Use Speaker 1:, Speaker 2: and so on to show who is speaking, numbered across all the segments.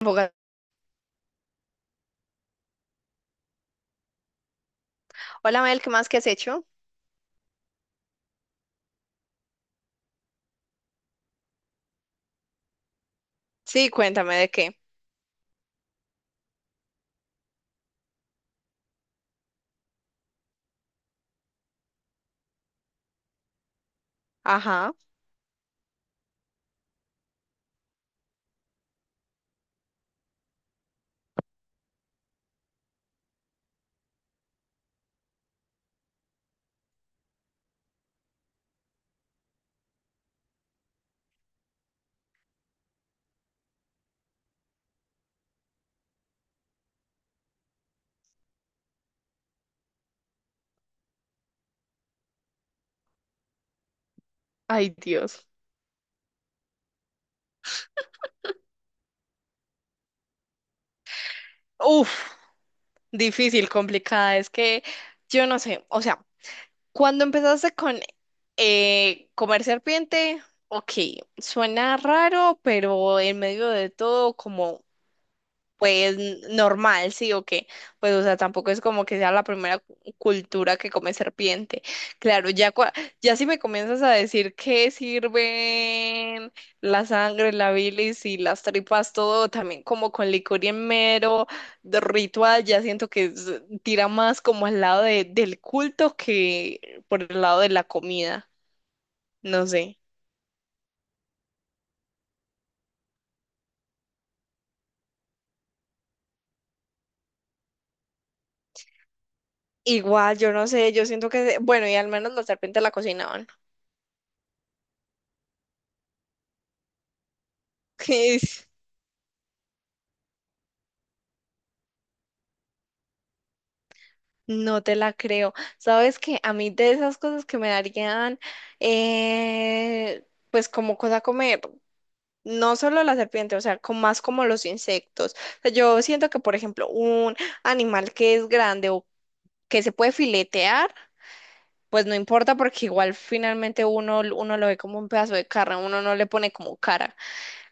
Speaker 1: Bogotá. Hola Mel, ¿qué más que has hecho? Sí, cuéntame de qué. Ajá. Ay, Dios. Uf, difícil, complicada. Es que yo no sé. O sea, cuando empezaste con comer serpiente, ok, suena raro, pero en medio de todo, como pues normal, ¿sí o qué? Pues, o sea, tampoco es como que sea la primera cultura que come serpiente. Claro, ya, ya si me comienzas a decir qué sirven la sangre, la bilis y las tripas, todo también como con licor y en mero de ritual, ya siento que tira más como al lado del culto que por el lado de la comida. No sé. Igual, yo no sé, yo siento que, bueno, y al menos la serpiente la cocinaban. No te la creo. Sabes que a mí de esas cosas que me darían, pues como cosa comer, no solo la serpiente, o sea, con más como los insectos. O sea, yo siento que, por ejemplo, un animal que es grande o que se puede filetear, pues no importa porque igual finalmente uno lo ve como un pedazo de carne, uno no le pone como cara.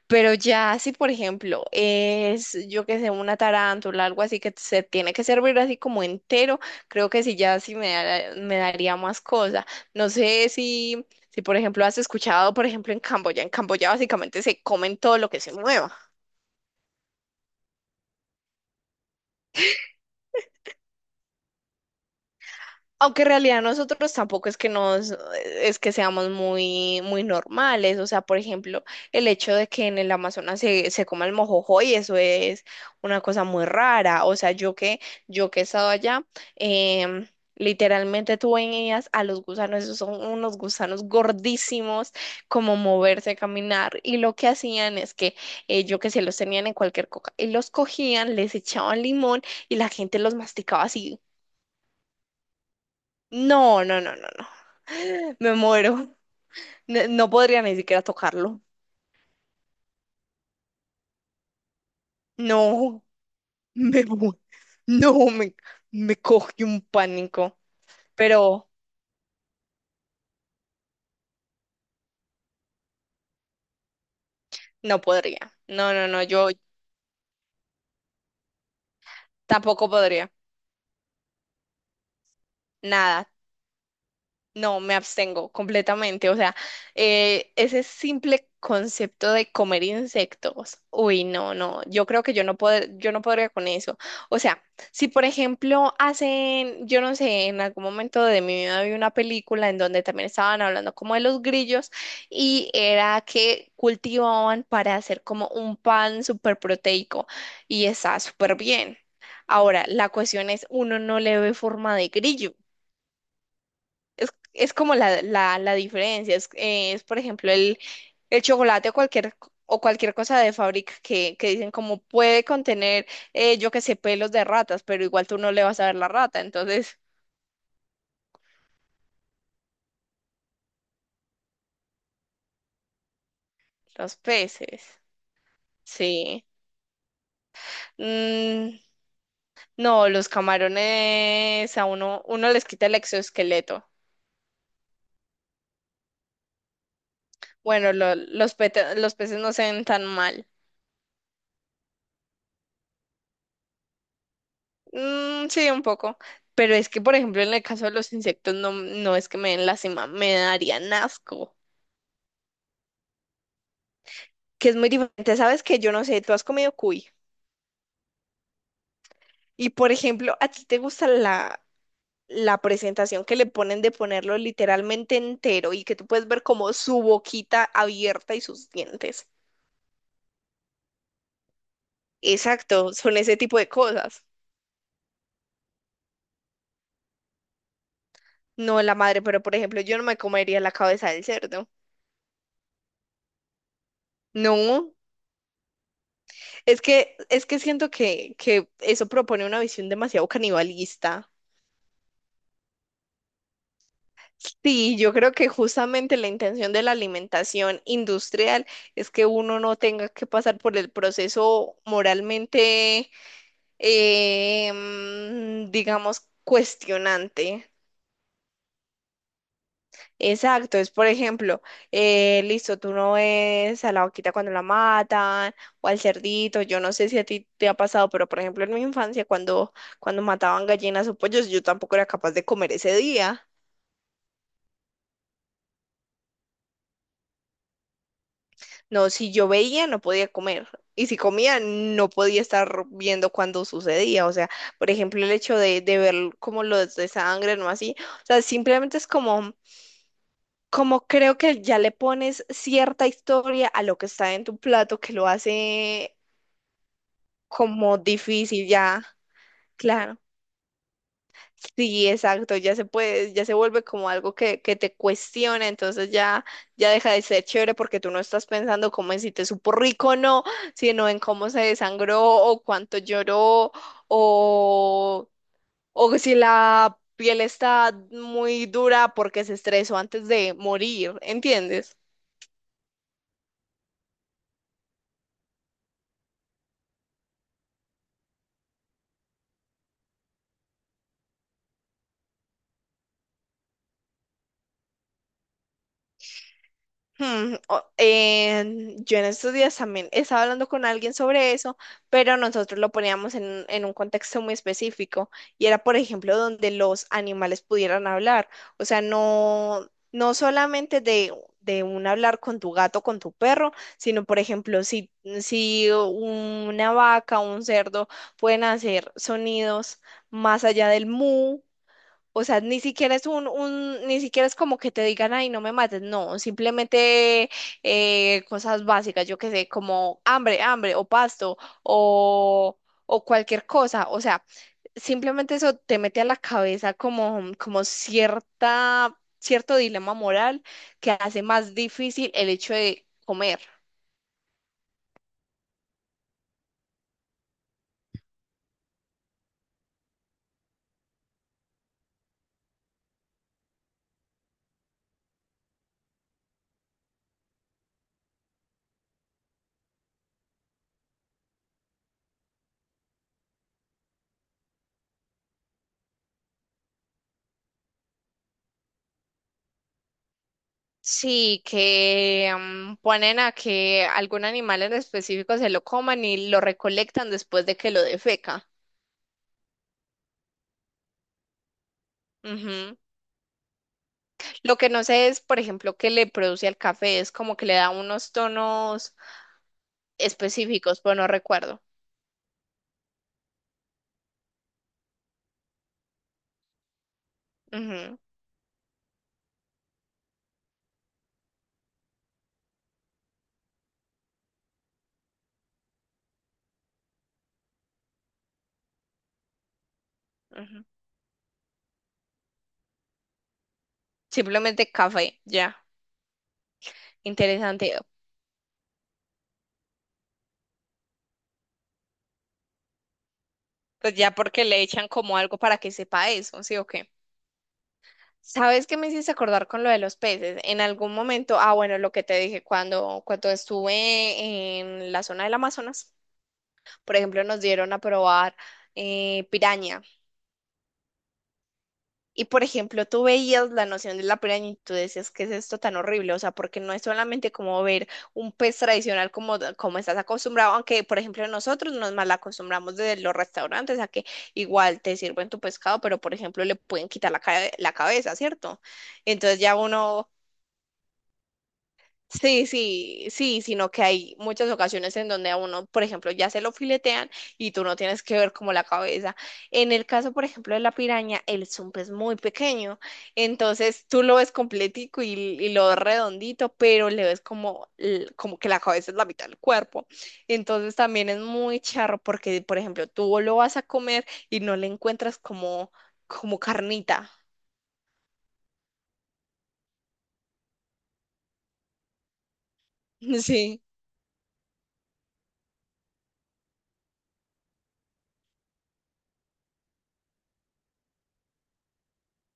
Speaker 1: Pero ya si, por ejemplo, es, yo que sé, una tarántula, algo así que se tiene que servir así como entero, creo que sí, ya sí me, me daría más cosa. No sé si, si, por ejemplo, has escuchado, por ejemplo, en Camboya básicamente se comen todo lo que se mueva. Aunque en realidad nosotros tampoco es que nos, es que seamos muy, muy normales. O sea, por ejemplo, el hecho de que en el Amazonas se coma el mojojoy, eso es una cosa muy rara. O sea, yo que he estado allá, em, literalmente tú veías a los gusanos, esos son unos gusanos gordísimos, como moverse, caminar. Y lo que hacían es que yo que se los tenían en cualquier coca, y los cogían, les echaban limón y la gente los masticaba así no, no, no, no, no. Me muero. No, no podría ni siquiera tocarlo. No, me mu- No, me coge un pánico. Pero no podría. No, no, no, yo tampoco podría. Nada. No, me abstengo completamente. O sea, ese simple concepto de comer insectos. Uy, no, no. Yo creo que yo no podría con eso. O sea, si por ejemplo hacen, yo no sé, en algún momento de mi vida vi una película en donde también estaban hablando como de los grillos y era que cultivaban para hacer como un pan súper proteico y está súper bien. Ahora, la cuestión es, uno no le ve forma de grillo. Es como la diferencia. Es, por ejemplo, el chocolate o cualquier, o cualquier cosa de fábrica que dicen como puede contener, yo qué sé, pelos de ratas, pero igual tú no le vas a ver la rata. Entonces, los peces. Sí. Mm, no, los camarones a uno, uno les quita el exoesqueleto. Bueno, los, los peces no se ven tan mal. Mm, sí, un poco. Pero es que, por ejemplo, en el caso de los insectos, no, no es que me den lástima, me darían asco. Que es muy diferente. Sabes que yo no sé, tú has comido cuy. Y, por ejemplo, ¿a ti te gusta la presentación que le ponen de ponerlo literalmente entero y que tú puedes ver como su boquita abierta y sus dientes? Exacto, son ese tipo de cosas. No la madre, pero por ejemplo, yo no me comería la cabeza del cerdo. No. Es que siento que eso propone una visión demasiado canibalista. Sí, yo creo que justamente la intención de la alimentación industrial es que uno no tenga que pasar por el proceso moralmente, digamos, cuestionante. Exacto, es por ejemplo, listo, tú no ves a la vaquita cuando la matan o al cerdito, yo no sé si a ti te ha pasado, pero por ejemplo en mi infancia cuando, cuando mataban gallinas o pollos, yo tampoco era capaz de comer ese día. No, si yo veía no podía comer y si comía no podía estar viendo cuando sucedía. O sea, por ejemplo el hecho de ver como los de sangre, no así. O sea, simplemente es como… Como creo que ya le pones cierta historia a lo que está en tu plato, que lo hace como difícil, ya, claro. Sí, exacto, ya se puede, ya se vuelve como algo que te cuestiona, entonces ya, ya deja de ser chévere porque tú no estás pensando como en si te supo rico o no, sino en cómo se desangró o cuánto lloró o, o si la piel está muy dura porque se estresó antes de morir, ¿entiendes? Yo en estos días también estaba hablando con alguien sobre eso, pero nosotros lo poníamos en un contexto muy específico y era, por ejemplo, donde los animales pudieran hablar. O sea, no, no solamente de un hablar con tu gato, con tu perro, sino, por ejemplo, si, si una vaca o un cerdo pueden hacer sonidos más allá del mu. O sea, ni siquiera es un, ni siquiera es como que te digan, ay, no me mates, no, simplemente cosas básicas, yo qué sé, como hambre, hambre, o pasto, o cualquier cosa. O sea, simplemente eso te mete a la cabeza como, como cierta, cierto dilema moral que hace más difícil el hecho de comer. Sí, que mm, ponen a que algún animal en específico se lo coman y lo recolectan después de que lo defeca. Ujú. Lo que no sé es, por ejemplo, qué le produce al café, es como que le da unos tonos específicos, pero no recuerdo. Ujú, ujú. Simplemente café, ya. Interesante. Pues ya porque le echan como algo para que sepa eso, ¿sí o qué? ¿Sabes qué me hiciste acordar con lo de los peces? En algún momento, ah, bueno, lo que te dije, cuando, cuando estuve en la zona del Amazonas, por ejemplo, nos dieron a probar piraña. Y por ejemplo, tú veías la noción de la piraña y tú decías, ¿qué es esto tan horrible? O sea, porque no es solamente como ver un pez tradicional como, como estás acostumbrado, aunque por ejemplo nosotros nos mal acostumbramos desde los restaurantes a que igual te sirven tu pescado, pero por ejemplo le pueden quitar la, la cabeza, ¿cierto? Entonces ya uno sí, sí, sí, sino que hay muchas ocasiones en donde a uno, por ejemplo, ya se lo filetean y tú no tienes que ver como la cabeza. En el caso, por ejemplo, de la piraña, el zumpe es muy pequeño, entonces tú lo ves completico y lo ves redondito, pero le ves como, como que la cabeza es la mitad del cuerpo. Entonces también es muy charro porque, por ejemplo, tú lo vas a comer y no le encuentras como, como carnita. Sí,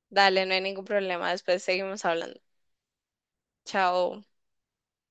Speaker 1: dale, no hay ningún problema, después seguimos hablando. Chao.